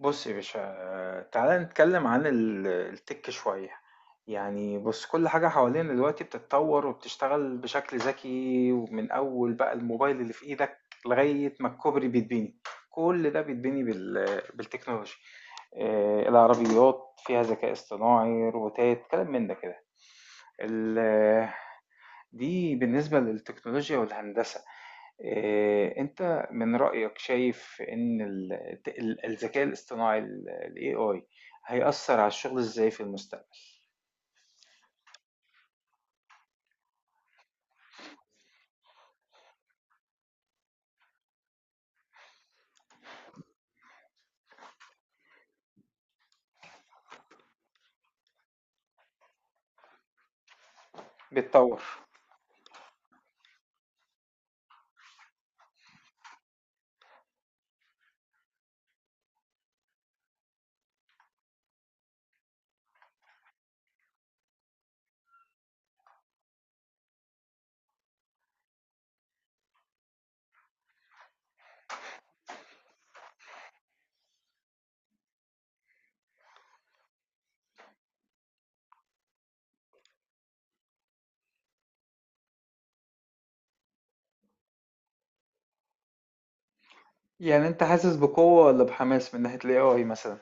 بص يا باشا، تعالى نتكلم عن التك شوية. يعني بص، كل حاجة حوالينا دلوقتي بتتطور وبتشتغل بشكل ذكي، ومن أول بقى الموبايل اللي في إيدك لغاية ما الكوبري بيتبني. كل ده بيتبني بالتكنولوجيا. العربيات فيها ذكاء اصطناعي، روبوتات، كلام من ده كده. ال- دي بالنسبة للتكنولوجيا والهندسة. انت من رأيك شايف ان الذكاء الاصطناعي، ال AI هيأثر على الشغل ازاي في المستقبل؟ بيتطور. يعني انت حاسس بقوة ولا بحماس من ناحية ال AI مثلا؟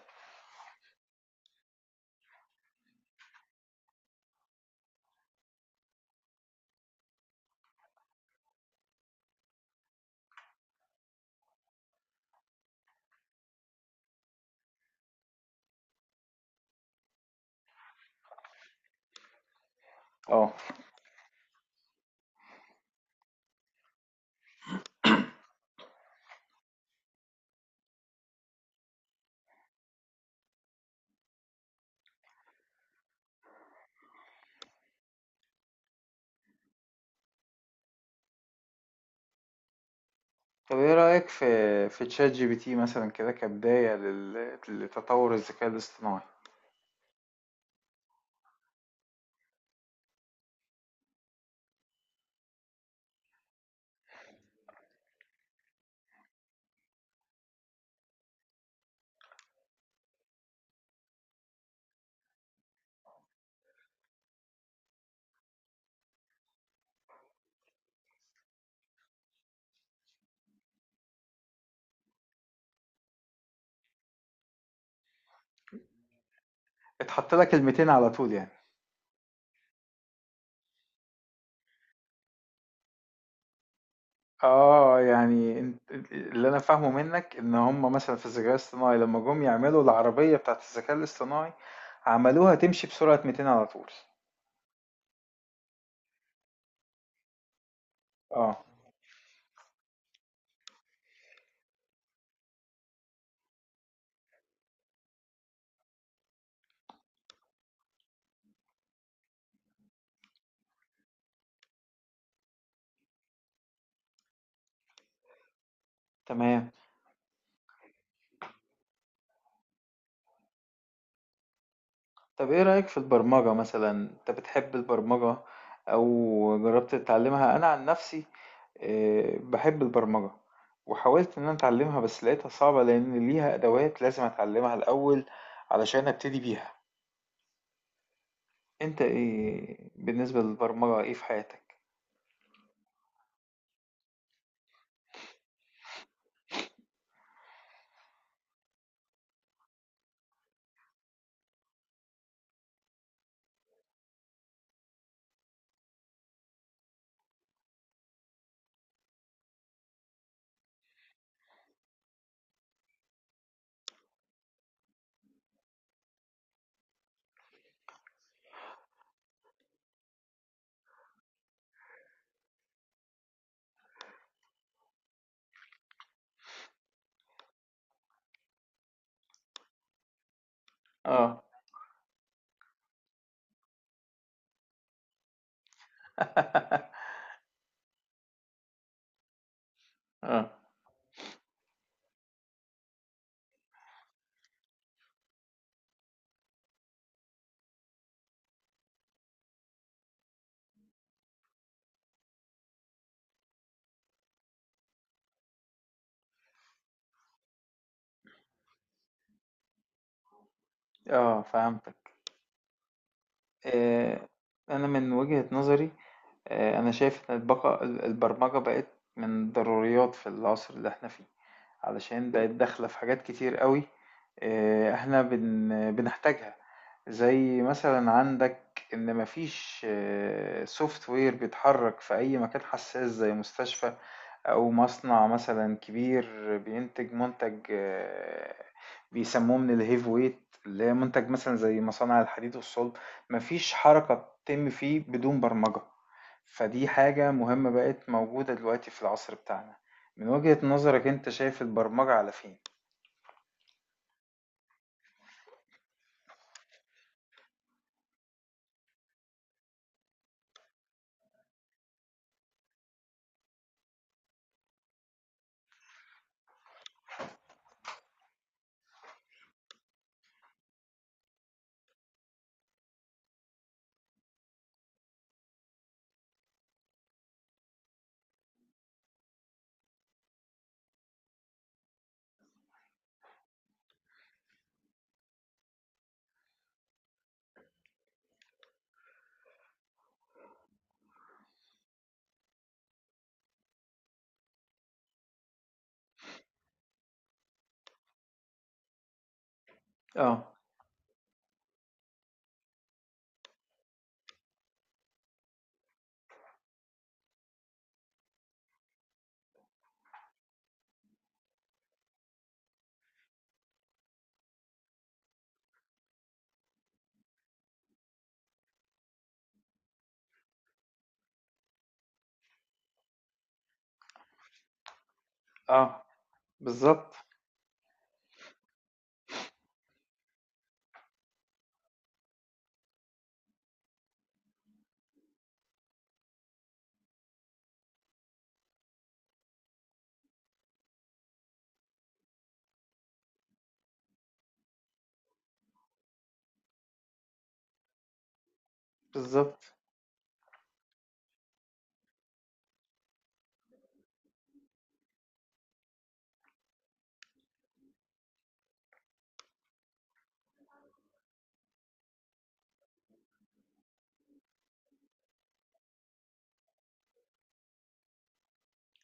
اه. طب ايه رأيك في تشات جي بي تي مثلا، كده كبداية لتطور الذكاء الاصطناعي؟ اتحط لك الميتين على طول يعني. اه، يعني انت، اللي انا فاهمه منك ان هم مثلا في الذكاء الاصطناعي لما جم يعملوا العربية بتاعت الذكاء الاصطناعي عملوها تمشي بسرعة 200 على طول. اه، تمام. طب ايه رأيك في البرمجة مثلا؟ انت بتحب البرمجة او جربت تتعلمها؟ انا عن نفسي بحب البرمجة، وحاولت ان انا اتعلمها، بس لقيتها صعبة لان ليها ادوات لازم اتعلمها الاول علشان ابتدي بيها. انت ايه بالنسبة للبرمجة؟ ايه في حياتك؟ اه، اه، اه، فهمتك. آه انا من وجهة نظري، انا شايف ان البرمجة بقت من ضروريات في العصر اللي احنا فيه، علشان بقت داخلة في حاجات كتير قوي. احنا بنحتاجها. زي مثلا عندك ان مفيش سوفت وير بيتحرك في اي مكان حساس، زي مستشفى أو مصنع مثلا كبير بينتج منتج، بيسموه من الهيف ويت، اللي هي منتج مثلا زي مصانع الحديد والصلب. مفيش حركة بتتم فيه بدون برمجة. فدي حاجة مهمة بقت موجودة دلوقتي في العصر بتاعنا. من وجهة نظرك انت شايف البرمجة على فين؟ اه. اه، بالظبط. بالظبط.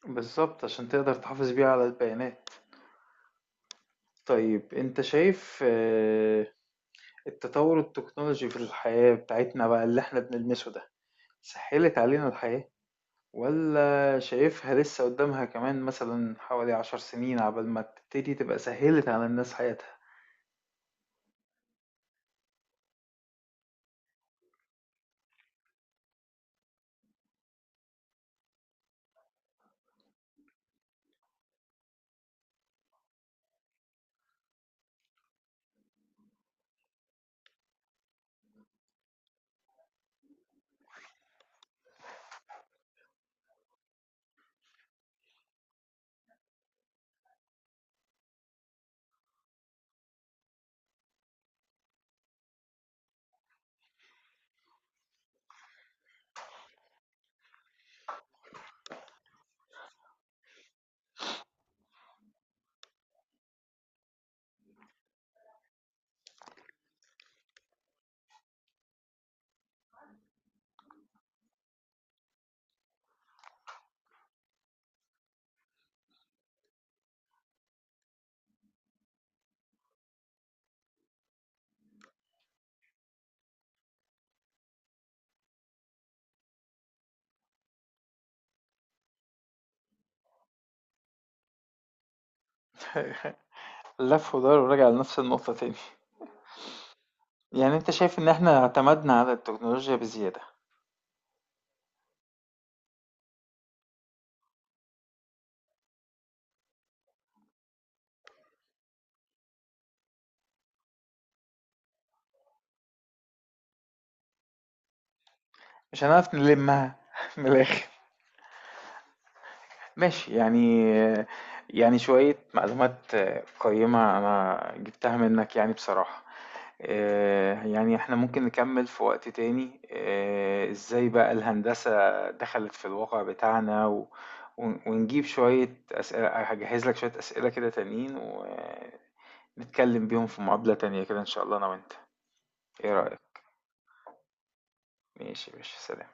بالظبط، عشان تقدر تحافظ بيها على البيانات. طيب انت شايف التطور التكنولوجي في الحياة بتاعتنا بقى، اللي احنا بنلمسه ده، سهلت علينا الحياة، ولا شايفها لسه قدامها كمان مثلا حوالي 10 سنين عبال ما تبتدي تبقى سهلت على الناس حياتها؟ لف ودار وراجع لنفس النقطة تاني. يعني انت شايف ان احنا اعتمدنا على التكنولوجيا بزيادة؟ مش هنعرف نلمها من الاخر. ماشي، يعني، يعني شوية معلومات قيمة انا جبتها منك يعني بصراحة. يعني احنا ممكن نكمل في وقت تاني، ازاي بقى الهندسة دخلت في الواقع بتاعنا، ونجيب شوية أسئلة، هجهز لك شوية أسئلة كده تانيين، ونتكلم بيهم في مقابلة تانية كده إن شاء الله، أنا وأنت. إيه رأيك؟ ماشي، ماشي، سلام.